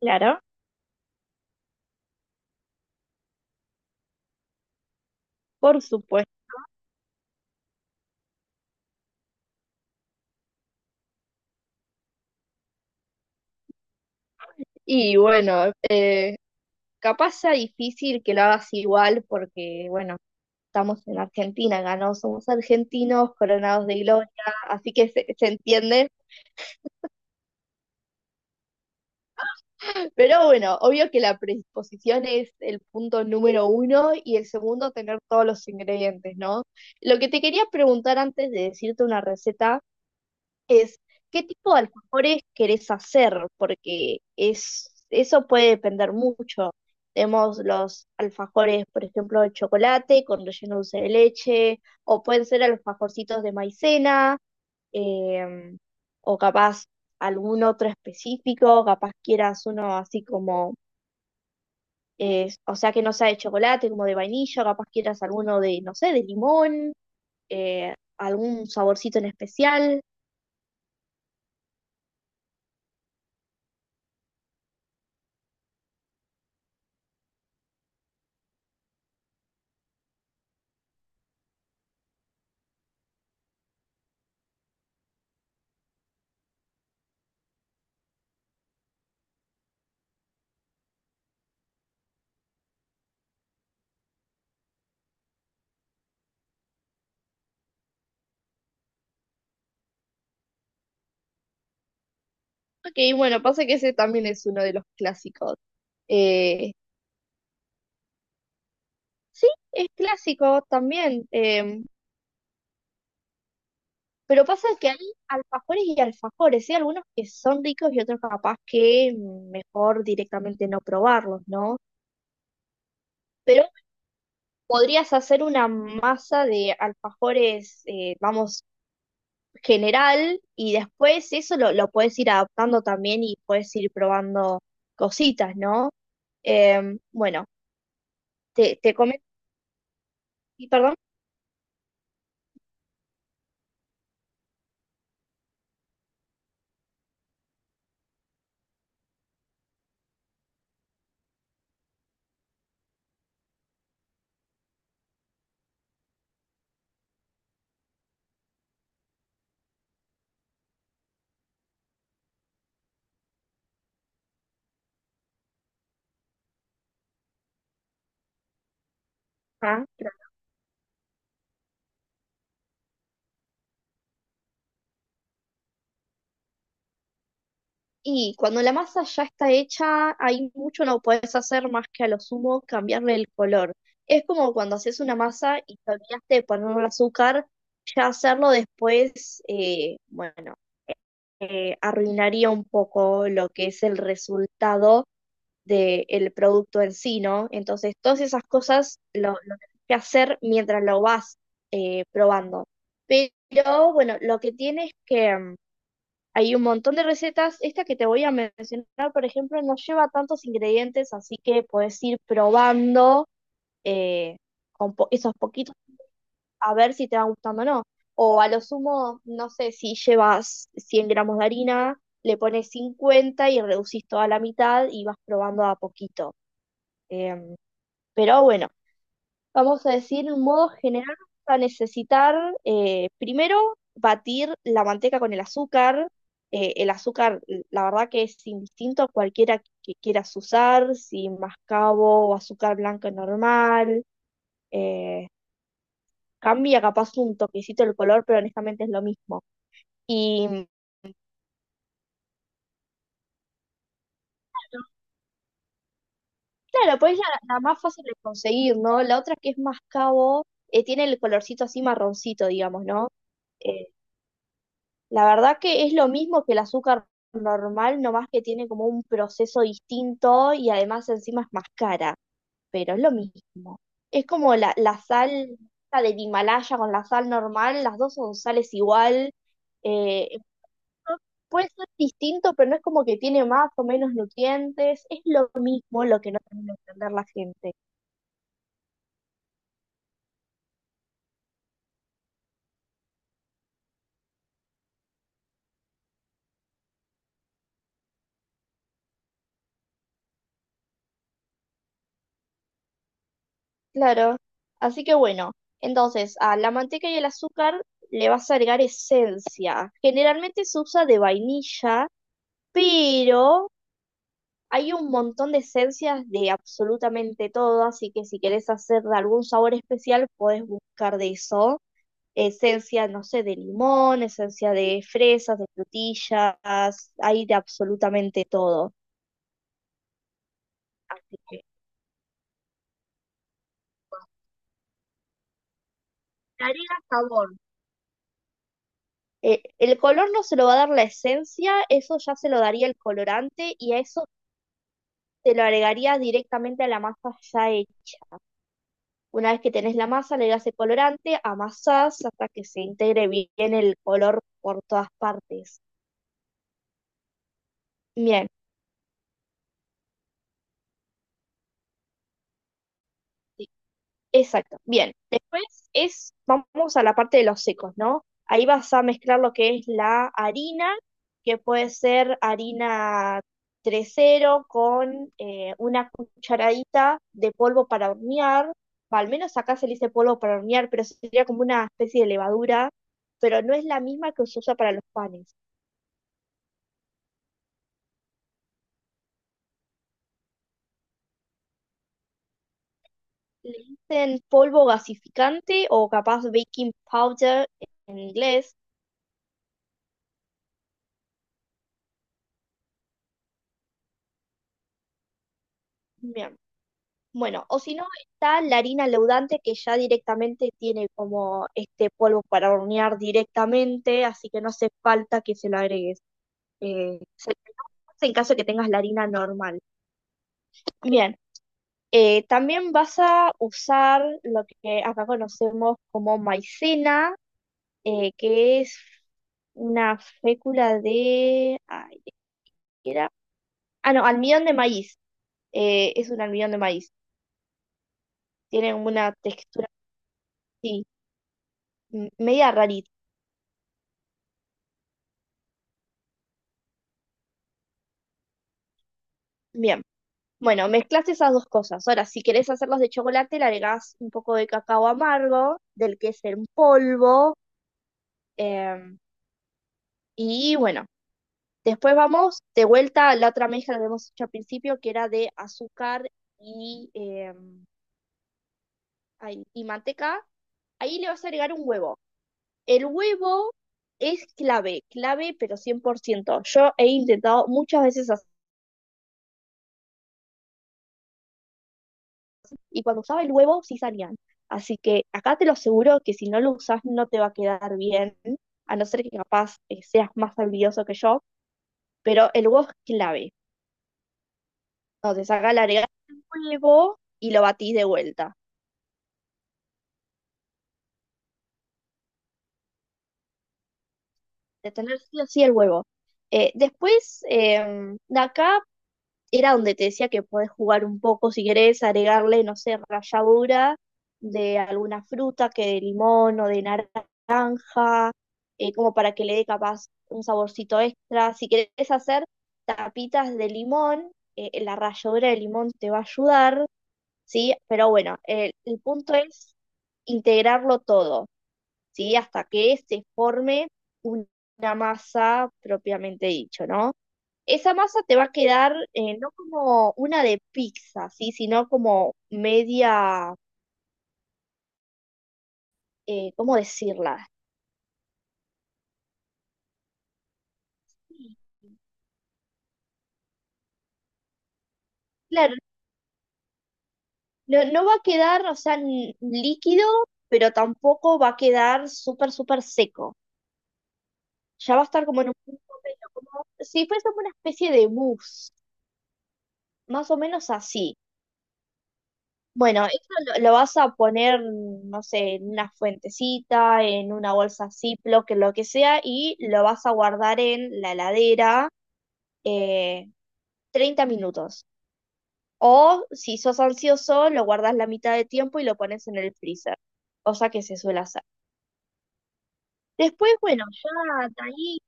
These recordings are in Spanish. Claro, por supuesto. Y bueno, capaz sea difícil que lo hagas igual porque, bueno, estamos en Argentina, ganó, somos argentinos, coronados de gloria, así que se entiende. Pero bueno, obvio que la predisposición es el punto número uno y el segundo, tener todos los ingredientes, ¿no? Lo que te quería preguntar antes de decirte una receta es qué tipo de alfajores querés hacer, porque es, eso puede depender mucho. Tenemos los alfajores, por ejemplo, de chocolate con relleno dulce de leche, o pueden ser alfajorcitos de maicena, em, o capaz algún otro específico, capaz quieras uno así como, o sea, que no sea de chocolate, como de vainilla, capaz quieras alguno de, no sé, de limón, algún saborcito en especial. Ok, bueno, pasa que ese también es uno de los clásicos. Eh, sí, es clásico también, pero pasa que hay alfajores y alfajores, ¿sí? Algunos que son ricos y otros capaz que mejor directamente no probarlos, ¿no? Pero podrías hacer una masa de alfajores, vamos, general, y después eso lo puedes ir adaptando también y puedes ir probando cositas, ¿no? Bueno, te comento, y perdón. Ah, y cuando la masa ya está hecha, hay mucho no puedes hacer más que a lo sumo cambiarle el color. Es como cuando haces una masa y te olvidaste de ponerle azúcar, ya hacerlo después, bueno, arruinaría un poco lo que es el resultado del producto en sí, ¿no? Entonces, todas esas cosas lo tenés que hacer mientras lo vas probando. Pero bueno, lo que tiene es que hay un montón de recetas. Esta que te voy a mencionar, por ejemplo, no lleva tantos ingredientes, así que puedes ir probando eh, con esos poquitos a ver si te va gustando o no. O a lo sumo, no sé, si llevas 100 gramos de harina, le pones 50 y reducís toda la mitad y vas probando a poquito. Em, pero bueno. Vamos a decir, en modo general, vamos a necesitar primero batir la manteca con el azúcar. El azúcar, la verdad que es indistinto a cualquiera que quieras usar, si mascabo o azúcar blanco normal. eh, cambia capaz un toquecito el color, pero honestamente es lo mismo. Y claro, pues es la, la más fácil de conseguir, ¿no? La otra que es mascabo tiene el colorcito así marroncito, digamos, ¿no? Eh, la verdad que es lo mismo que el azúcar normal, nomás que tiene como un proceso distinto y además encima es más cara, pero es lo mismo. Es como la sal esta del Himalaya con la sal normal, las dos son sales igual. eh, no- puede ser distinto, pero no es como que tiene más o menos nutrientes, es lo mismo lo que no termina de entender la gente. Claro. Así que bueno, entonces a la manteca y el azúcar le vas a agregar esencia. Generalmente se usa de vainilla, pero hay un montón de esencias de absolutamente todo, así que si querés hacer de algún sabor especial, podés buscar de eso. Esencia, no sé, de limón, esencia de fresas, de frutillas, hay de absolutamente todo. Así que le agrega sabor. El color no se lo va a dar la esencia, eso ya se lo daría el colorante y a eso se lo agregaría directamente a la masa ya hecha. Una vez que tenés la masa, le das el colorante, amasás hasta que se integre bien el color por todas partes. Bien, exacto. Bien. Después es, vamos a la parte de los secos, ¿no? Ahí vas a mezclar lo que es la harina, que puede ser harina tres cero con una cucharadita de polvo para hornear. Va, al menos acá se le dice polvo para hornear, pero sería como una especie de levadura, pero no es la misma que se usa para los panes. Le dicen polvo gasificante o capaz baking powder en inglés. Bien. Bueno, o si no, está la harina leudante que ya directamente tiene como este polvo para hornear directamente, así que no hace falta que se lo agregues. Se en caso de que tengas la harina normal. Bien, también vas a usar lo que acá conocemos como maicena, que es una fécula de... Ay, ¿qué era? Ah, no, almidón de maíz. Es un almidón de maíz. Tiene una textura así, media rarita. Bien, bueno, mezclaste esas dos cosas. Ahora, si querés hacerlos de chocolate, le agregás un poco de cacao amargo, del que es en polvo. em, y bueno, después vamos de vuelta a la otra mezcla que habíamos hecho al principio, que era de azúcar y, ay, y manteca. Ahí le vas a agregar un huevo. El huevo es clave, clave, pero 100%. Yo he intentado muchas veces y cuando usaba el huevo sí salían. Así que acá te lo aseguro que si no lo usas no te va a quedar bien, a no ser que capaz seas más habilidoso que yo, pero el huevo es clave. Entonces acá le agregás el huevo y lo batís de vuelta. De tener sí o sí el huevo. Después, de acá era donde te decía que podés jugar un poco si querés agregarle, no sé, ralladura de alguna fruta, que de limón o de naranja, como para que le dé capaz un saborcito extra. Si querés hacer tapitas de limón, la ralladura de limón te va a ayudar, ¿sí? Pero bueno, el punto es integrarlo todo, ¿sí? Hasta que se forme un- una masa propiamente dicho, ¿no? Esa masa te va a quedar no como una de pizza, ¿sí? Sino como media, ¿cómo decirla? Claro, no va a quedar, o sea, líquido, pero tampoco va a quedar súper, súper seco. Ya va a estar como en un punto medio, como si fuese como una especie de mousse, más o menos así. Bueno, eso lo vas a poner, no sé, en una fuentecita, en una bolsa Ziploc, en lo que sea, y lo vas a guardar en la heladera eh, 30 minutos. O si sos ansioso, lo guardas la mitad de tiempo y lo pones en el freezer, cosa que se suele hacer. Después, bueno, ya de ahí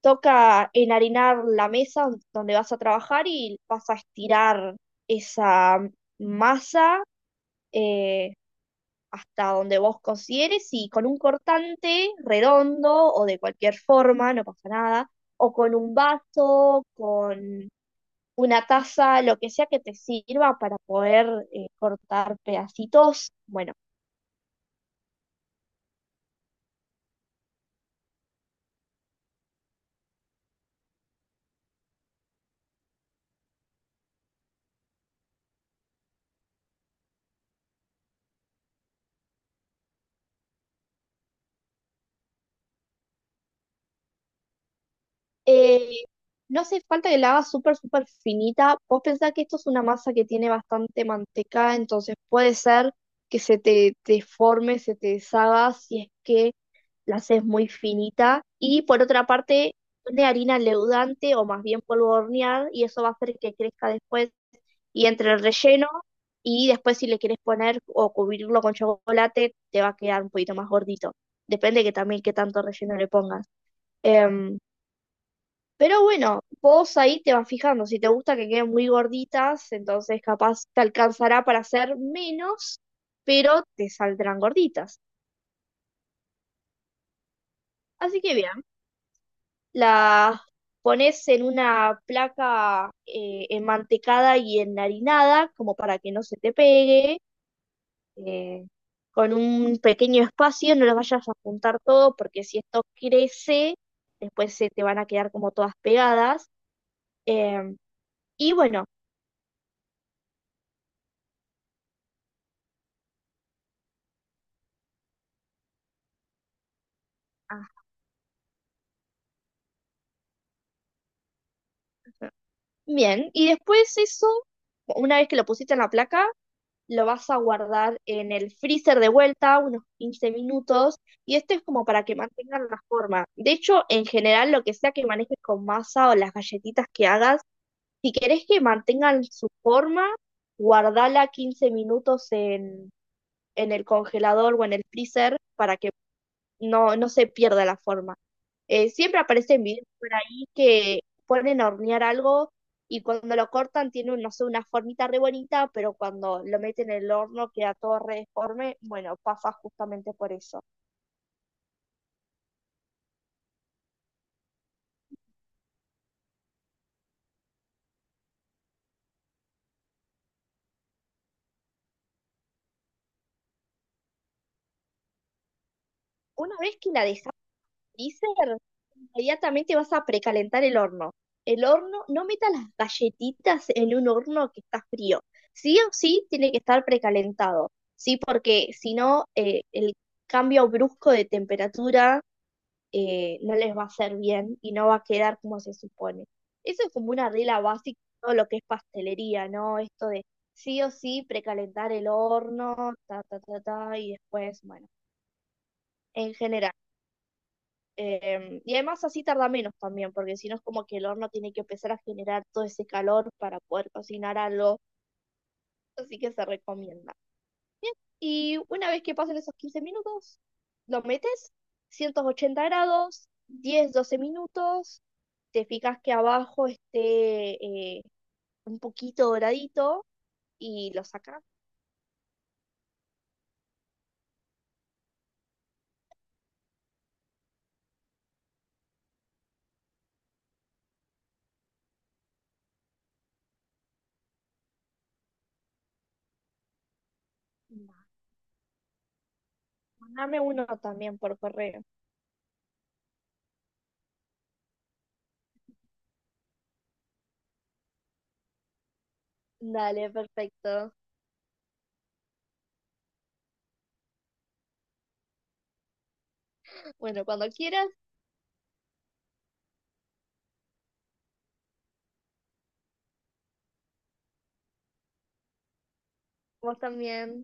toca enharinar la mesa donde vas a trabajar y vas a estirar esa masa eh, hasta donde vos consideres y con un cortante redondo o de cualquier forma, no pasa nada, o con un vaso, con una taza, lo que sea que te sirva para poder cortar pedacitos. Bueno, eh, no hace falta que la hagas súper, súper finita. Vos pensás que esto es una masa que tiene bastante manteca, entonces puede ser que se te deforme, se te deshaga si es que la haces muy finita. Y por otra parte, de harina leudante o más bien polvo de hornear, y eso va a hacer que crezca después y entre el relleno y después si le quieres poner o cubrirlo con chocolate, te va a quedar un poquito más gordito. Depende que también qué tanto relleno le pongas. Em, pero bueno, vos ahí te vas fijando. Si te gusta que queden muy gorditas, entonces capaz te alcanzará para hacer menos, pero te saldrán gorditas. Así que bien, las pones en una placa enmantecada y enharinada, como para que no se te pegue eh, con un pequeño espacio, no los vayas a juntar todo, porque si esto crece, después se te van a quedar como todas pegadas. em, y bueno, ajá, bien, y después eso, una vez que lo pusiste en la placa, lo vas a guardar en el freezer de vuelta, unos 15 minutos, y esto es como para que mantengan la forma. De hecho, en general, lo que sea que manejes con masa o las galletitas que hagas, si querés que mantengan su forma, guardala 15 minutos en el congelador o en el freezer para que no se pierda la forma. Siempre aparecen videos por ahí que ponen a hornear algo y cuando lo cortan tiene, no sé, una formita re bonita, pero cuando lo meten en el horno queda todo re deforme. Bueno, pasa justamente por eso. Una vez que la dejas dice, inmediatamente vas a precalentar el horno. El horno, no metas las galletitas en un horno que está frío. Sí o sí tiene que estar precalentado. Sí, porque si no, el cambio brusco de temperatura no les va a hacer bien y no va a quedar como se supone. Eso es como una regla básica de todo lo que es pastelería, ¿no? Esto de sí o sí precalentar el horno, ta, ta, ta, ta, y después, bueno, en general. Y además así tarda menos también, porque si no es como que el horno tiene que empezar a generar todo ese calor para poder cocinar algo, así que se recomienda. Y una vez que pasen esos 15 minutos, lo metes 180 grados, 10 a 12 minutos, te fijas que abajo esté un poquito doradito y lo sacas. Dame uno también por correo. Dale, perfecto. Bueno, cuando quieras, vos también.